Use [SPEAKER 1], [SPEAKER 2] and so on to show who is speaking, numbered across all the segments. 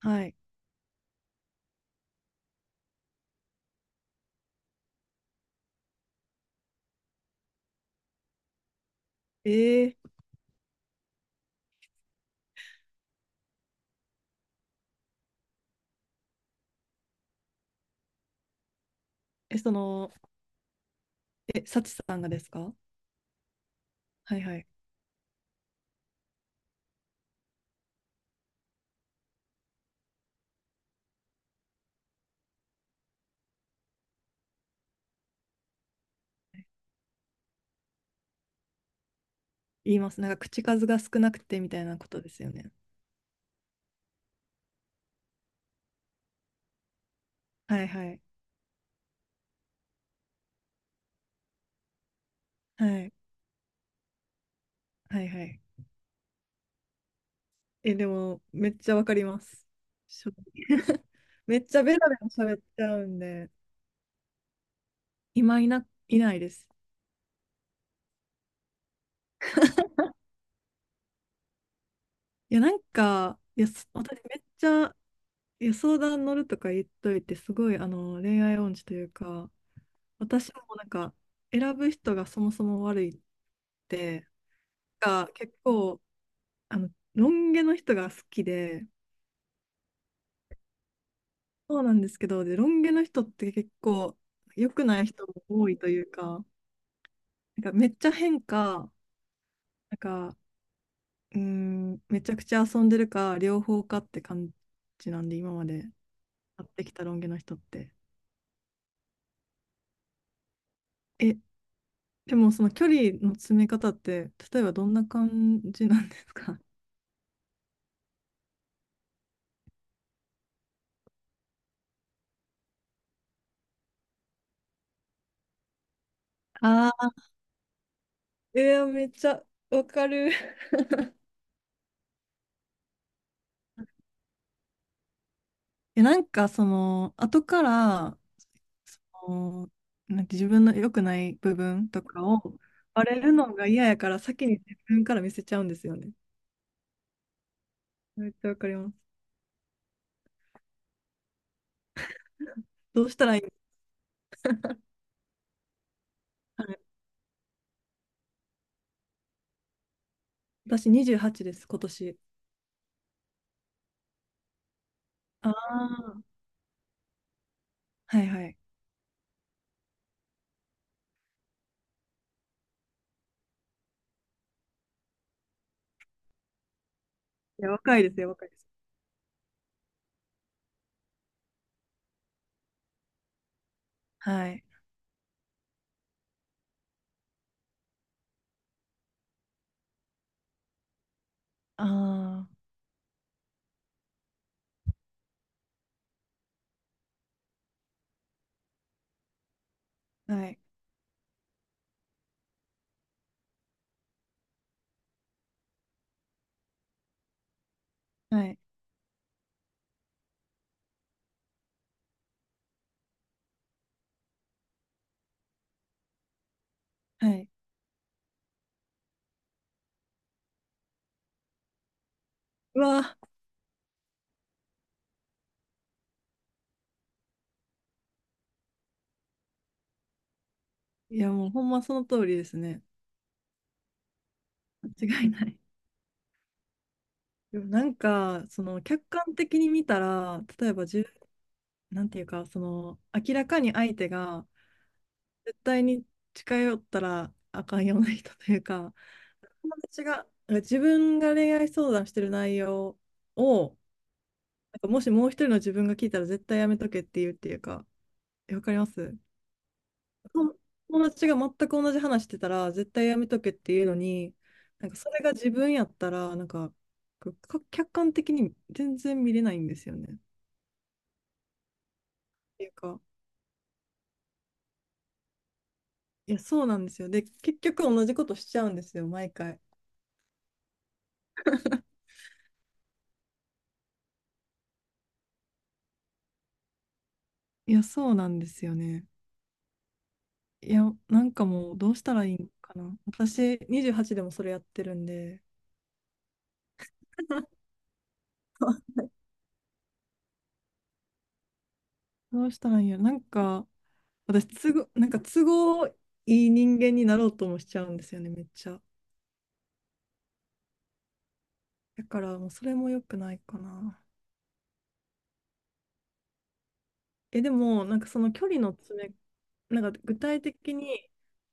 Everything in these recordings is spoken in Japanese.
[SPEAKER 1] はい。えー、え、その、え、サチさんがですか？はいはい。言います。なんか口数が少なくてみたいなことですよね。はいはい。はい。はいはい。でも、めっちゃわかります。正直 めっちゃベラベラ喋っちゃうんで、今いないです。いや、なんか、いや、私めっちゃ、いや、相談乗るとか言っといて、すごい、恋愛音痴というか、私もなんか、選ぶ人がそもそも悪いって、が結構、あの、ロン毛の人が好きで、そうなんですけど、で、ロン毛の人って結構良くない人も多いというか、なんかめっちゃ変か、なんか、めちゃくちゃ遊んでるか、両方かって感じなんで、今まで会ってきたロン毛の人って。え、でもその距離の詰め方って、例えばどんな感じなんですか？あ あー、めっちゃわかる。なんか後から、その、なんて自分の良くない部分とかをバレるのが嫌やから、先に自分から見せちゃうんですよね。めっちゃわかります。どうしたらいいの？はい、私28です、今年。ああ、はいはい。いや、若いですよ、若いです。はい。ああ、はい、はい、はい。うわ、いや、もうほんまその通りですね。間違いない。でもなんか、客観的に見たら、例えばなんていうか、明らかに相手が、絶対に近寄ったらあかんような人というか、友達が、自分が恋愛相談してる内容を、なんかもしもう一人の自分が聞いたら絶対やめとけっていうっていうか、わかります。友友達が全く同じ話してたら、絶対やめとけっていうのに、なんかそれが自分やったら、なんか、こうか客観的に全然見れないんですよね。っていうか、いや、そうなんですよ。で、結局同じことしちゃうんですよ、毎回。いや、そうなんですよね。いや、なんかもうどうしたらいいんかな。私、28でもそれやってるんで、どうしたらいいんやろ。なんか、私、なんか都合いい人間になろうともしちゃうんですよね、めっちゃ。だから、もうそれも良くないかな。でも、なんかその距離の詰め、なんか具体的に、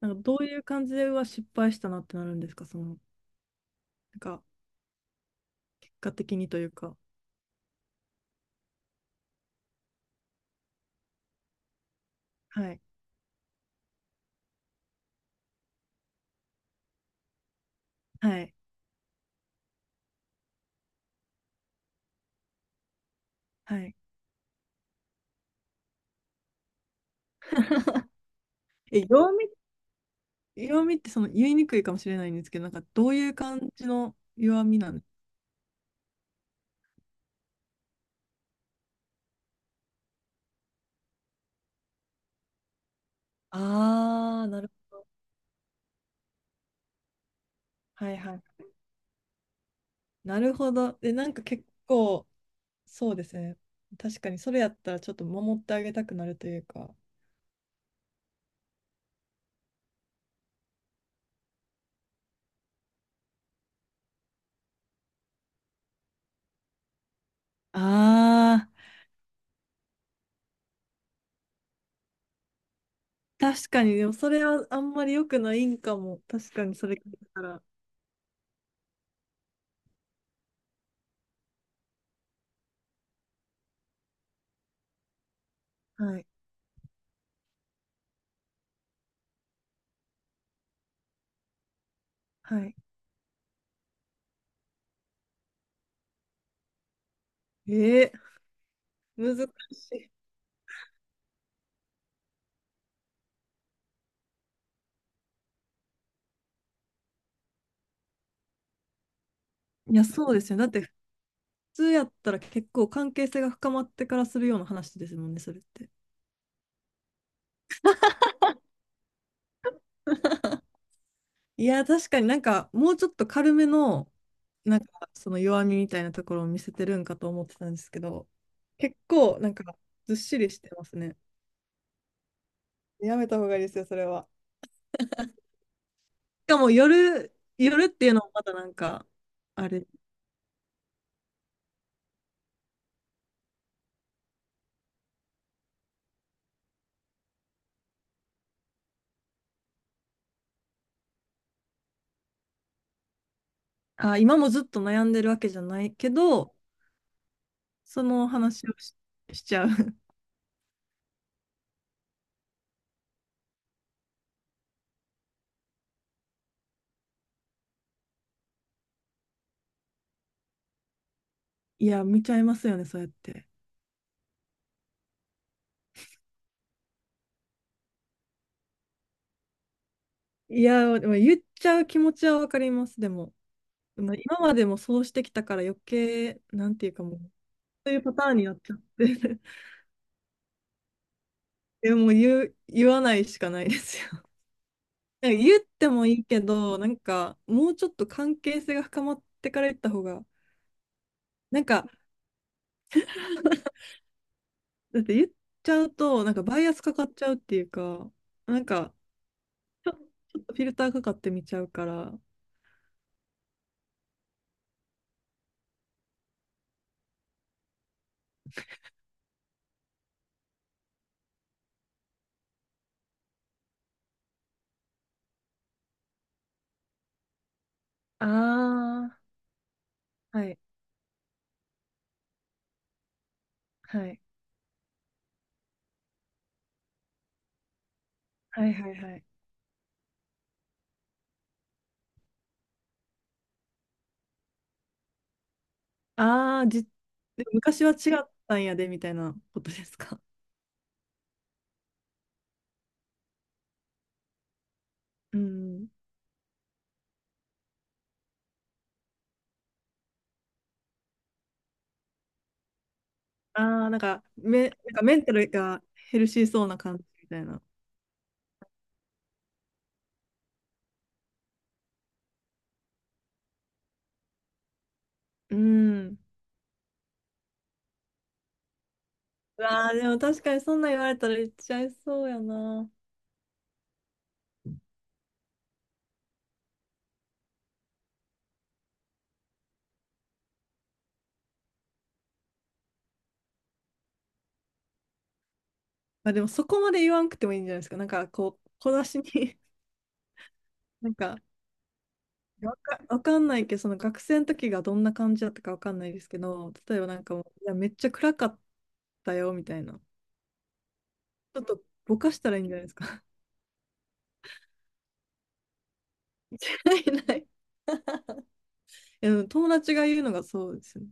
[SPEAKER 1] なんかどういう感じでは失敗したなってなるんですか、その、なんか、結果的にというか？はい、はい、はい。え、曜弱みってその言いにくいかもしれないんですけど、なんかどういう感じの弱みなんです？ああ、はいはい。なるほど。で、なんか結構、そうですね。確かに、それやったらちょっと守ってあげたくなるというか。ああ、確かに、でもそれはあんまり良くないんかも。確かに、それ聞いたら。はい、はい。え難しい。いや、そうですよ。だって、普通やったら結構関係性が深まってからするような話ですもんね、それって。いや、確かになんか、もうちょっと軽めの、なんか、その弱みみたいなところを見せてるんかと思ってたんですけど、結構、なんか、ずっしりしてますね。やめた方がいいですよ、それは。しかも、夜、っていうのもまだなんか、あれ、あ、今もずっと悩んでるわけじゃないけど、その話をしちゃう。いや、見ちゃいますよね、そうやって。いや、でも言っちゃう気持ちはわかります、でも。まあ今までもそうしてきたから余計、なんていうかもうそういうパターンになっちゃって でもう言う、言わないしかないですよ。なんか言ってもいいけど、なんかもうちょっと関係性が深まってから言った方が、なんか、だって言っちゃうと、なんかバイアスかかっちゃうっていうか、なんかちょっとフィルターかかってみちゃうから、ああはい、はい。はいはいはい。ああ、で昔は違ったんやで、みたいなことですか？うん。ああ、なんか、なんかメンタルがヘルシーそうな感じみたいな。うん。うわあでも確かにそんなん言われたら言っちゃいそうやな。まあでもそこまで言わんくてもいいんじゃないですか？なんかこう、小出しに なんか、わかんないけど、その学生の時がどんな感じだったかわかんないですけど、例えばなんかもう、いや、めっちゃ暗かったよ、みたいな。ちょっとぼかしたらいいんじゃないですか？ないない。いやでも友達が言うのがそうですね。